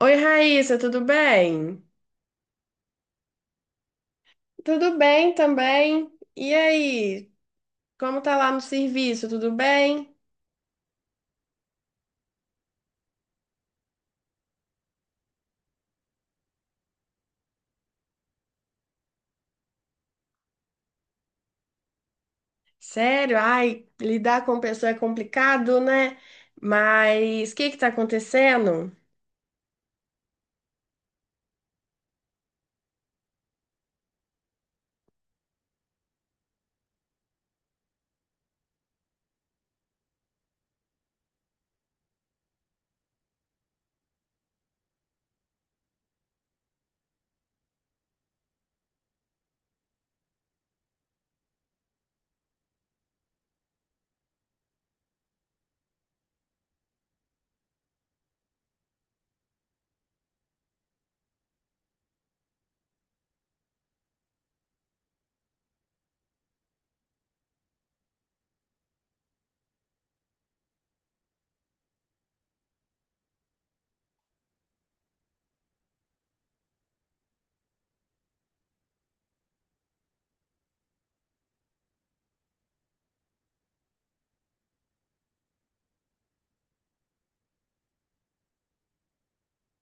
Oi, Raíssa, tudo bem? Tudo bem também. E aí, como tá lá no serviço? Tudo bem? Sério? Ai, lidar com pessoa é complicado, né? Mas o que que tá acontecendo?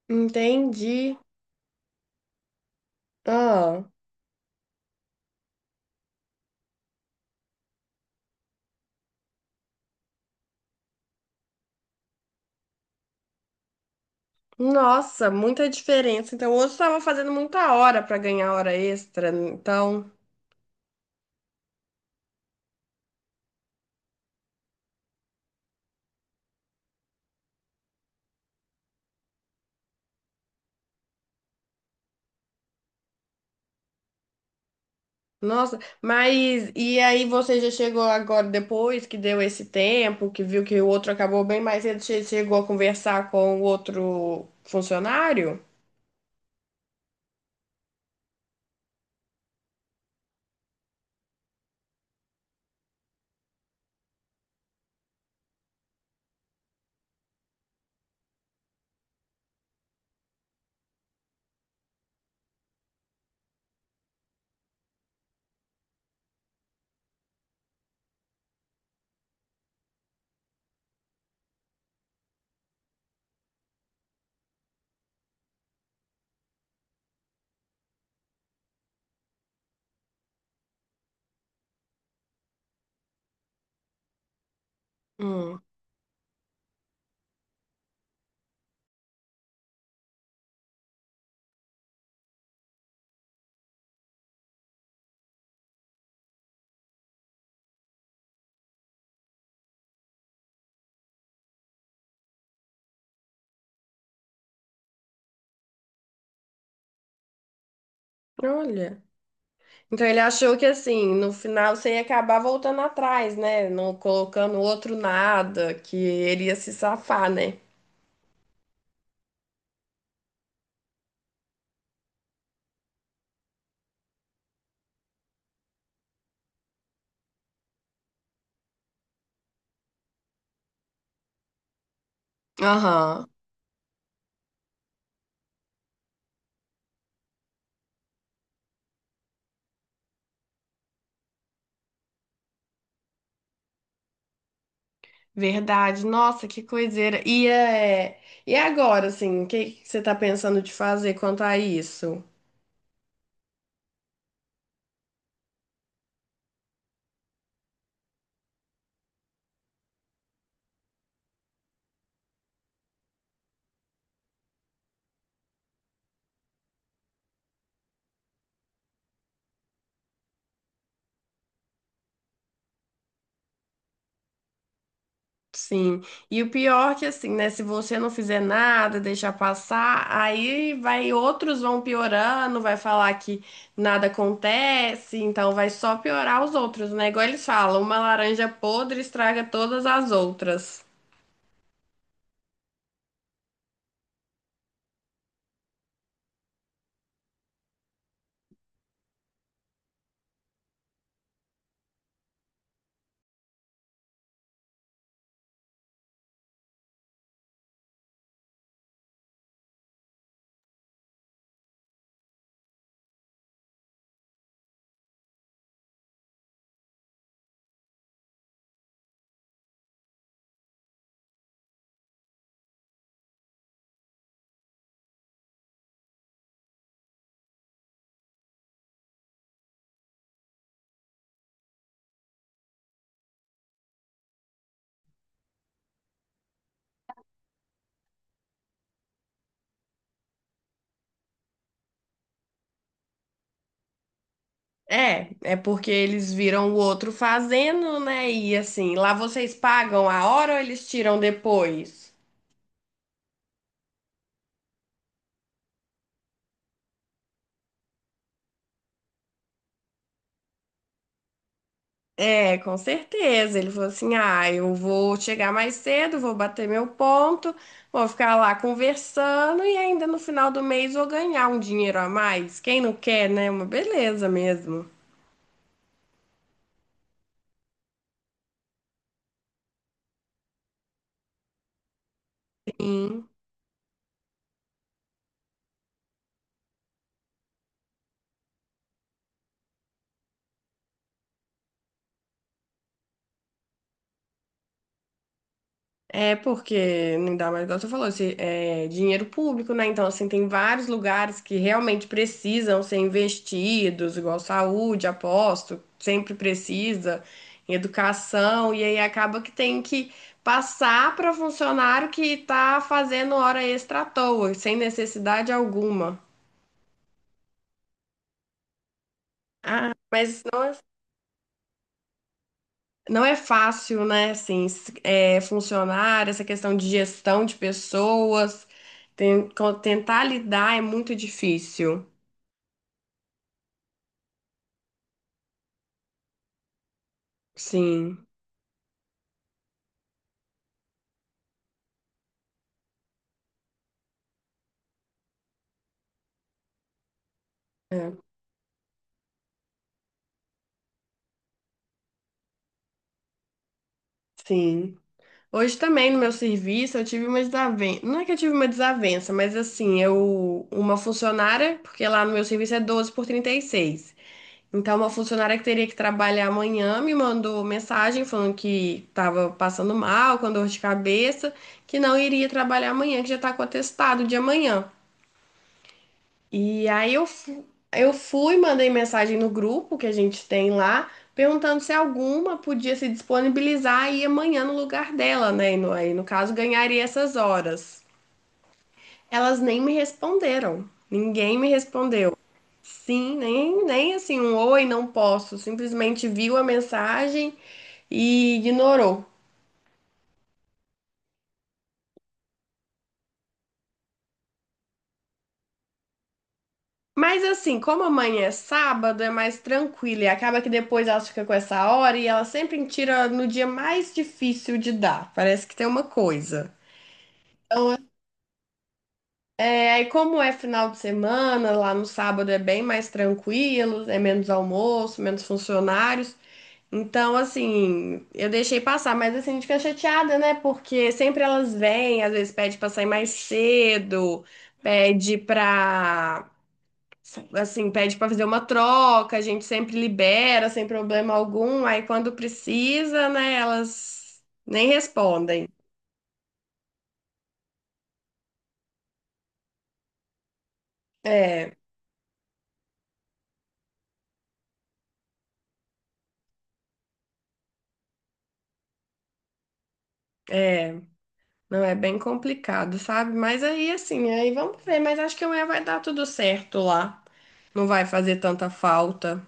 Entendi. Ah, nossa, muita diferença. Então, hoje eu estava fazendo muita hora para ganhar hora extra, então. Nossa, mas e aí você já chegou agora, depois que deu esse tempo, que viu que o outro acabou bem mais cedo, você chegou a conversar com o outro funcionário? Hum, olha. Então ele achou que assim, no final você ia acabar voltando atrás, né? Não colocando outro nada, que ele ia se safar, né? Aham. Verdade. Nossa, que coiseira. E agora, assim, o que que você tá pensando de fazer quanto a isso? Sim. E o pior que assim, né? Se você não fizer nada, deixar passar, aí vai outros vão piorando, vai falar que nada acontece, então vai só piorar os outros, né? Igual eles falam, uma laranja podre estraga todas as outras. É, é porque eles viram o outro fazendo, né? E assim, lá vocês pagam a hora ou eles tiram depois? É, com certeza. Ele falou assim: ah, eu vou chegar mais cedo, vou bater meu ponto, vou ficar lá conversando e ainda no final do mês vou ganhar um dinheiro a mais. Quem não quer, né? Uma beleza mesmo. É porque, não dá mais, igual você falou, é dinheiro público, né? Então, assim, tem vários lugares que realmente precisam ser investidos, igual saúde, aposto, sempre precisa, em educação, e aí acaba que tem que passar para funcionário que tá fazendo hora extra à toa, sem necessidade alguma. Ah, mas não é fácil, né, assim, funcionar, essa questão de gestão de pessoas, tentar lidar é muito difícil. Sim, é, sim. Hoje também no meu serviço eu tive uma desavença, não é que eu tive uma desavença, mas assim, eu, uma funcionária, porque lá no meu serviço é 12 por 36. Então, uma funcionária que teria que trabalhar amanhã me mandou mensagem falando que estava passando mal, com dor de cabeça, que não iria trabalhar amanhã, que já está com o atestado de amanhã. E aí eu, fu- eu fui, mandei mensagem no grupo que a gente tem lá, perguntando se alguma podia se disponibilizar e ir amanhã no lugar dela, né? E no, aí, no caso, ganharia essas horas. Elas nem me responderam. Ninguém me respondeu. Sim, nem, nem assim um oi, não posso. Simplesmente viu a mensagem e ignorou. Mas assim, como amanhã é sábado, é mais tranquilo e acaba que depois ela fica com essa hora e ela sempre tira no dia mais difícil de dar. Parece que tem uma coisa. Então, é, aí como é final de semana, lá no sábado é bem mais tranquilo, é menos almoço, menos funcionários. Então, assim, eu deixei passar, mas assim, a gente fica chateada, né? Porque sempre elas vêm, às vezes pede pra sair mais cedo, pede pra, assim, pede pra fazer uma troca, a gente sempre libera sem problema algum, aí quando precisa, né, elas nem respondem. É, é, não é bem complicado, sabe? Mas aí, assim, aí vamos ver, mas acho que amanhã vai dar tudo certo lá. Não vai fazer tanta falta.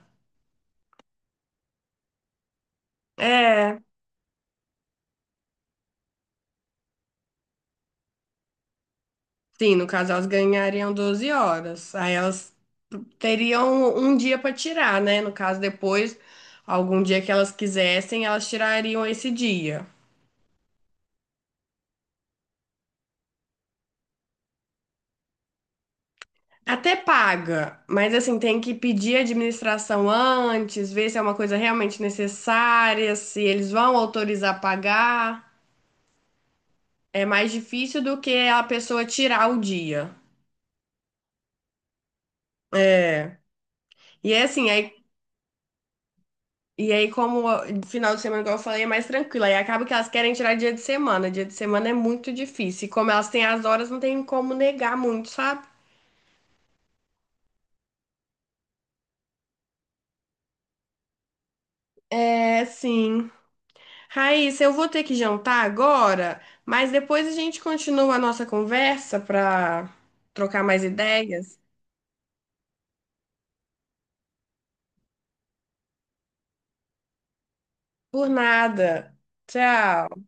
É. Sim, no caso elas ganhariam 12 horas. Aí elas teriam um dia para tirar, né? No caso, depois, algum dia que elas quisessem, elas tirariam esse dia. Até paga, mas assim, tem que pedir a administração antes, ver se é uma coisa realmente necessária, se eles vão autorizar pagar. É mais difícil do que a pessoa tirar o dia. É. E é assim, aí E aí, como o final de semana, igual eu falei, é mais tranquilo. Aí acaba que elas querem tirar dia de semana. Dia de semana é muito difícil. E como elas têm as horas, não tem como negar muito, sabe? É, sim. Raíssa, eu vou ter que jantar agora, mas depois a gente continua a nossa conversa para trocar mais ideias. Por nada. Tchau.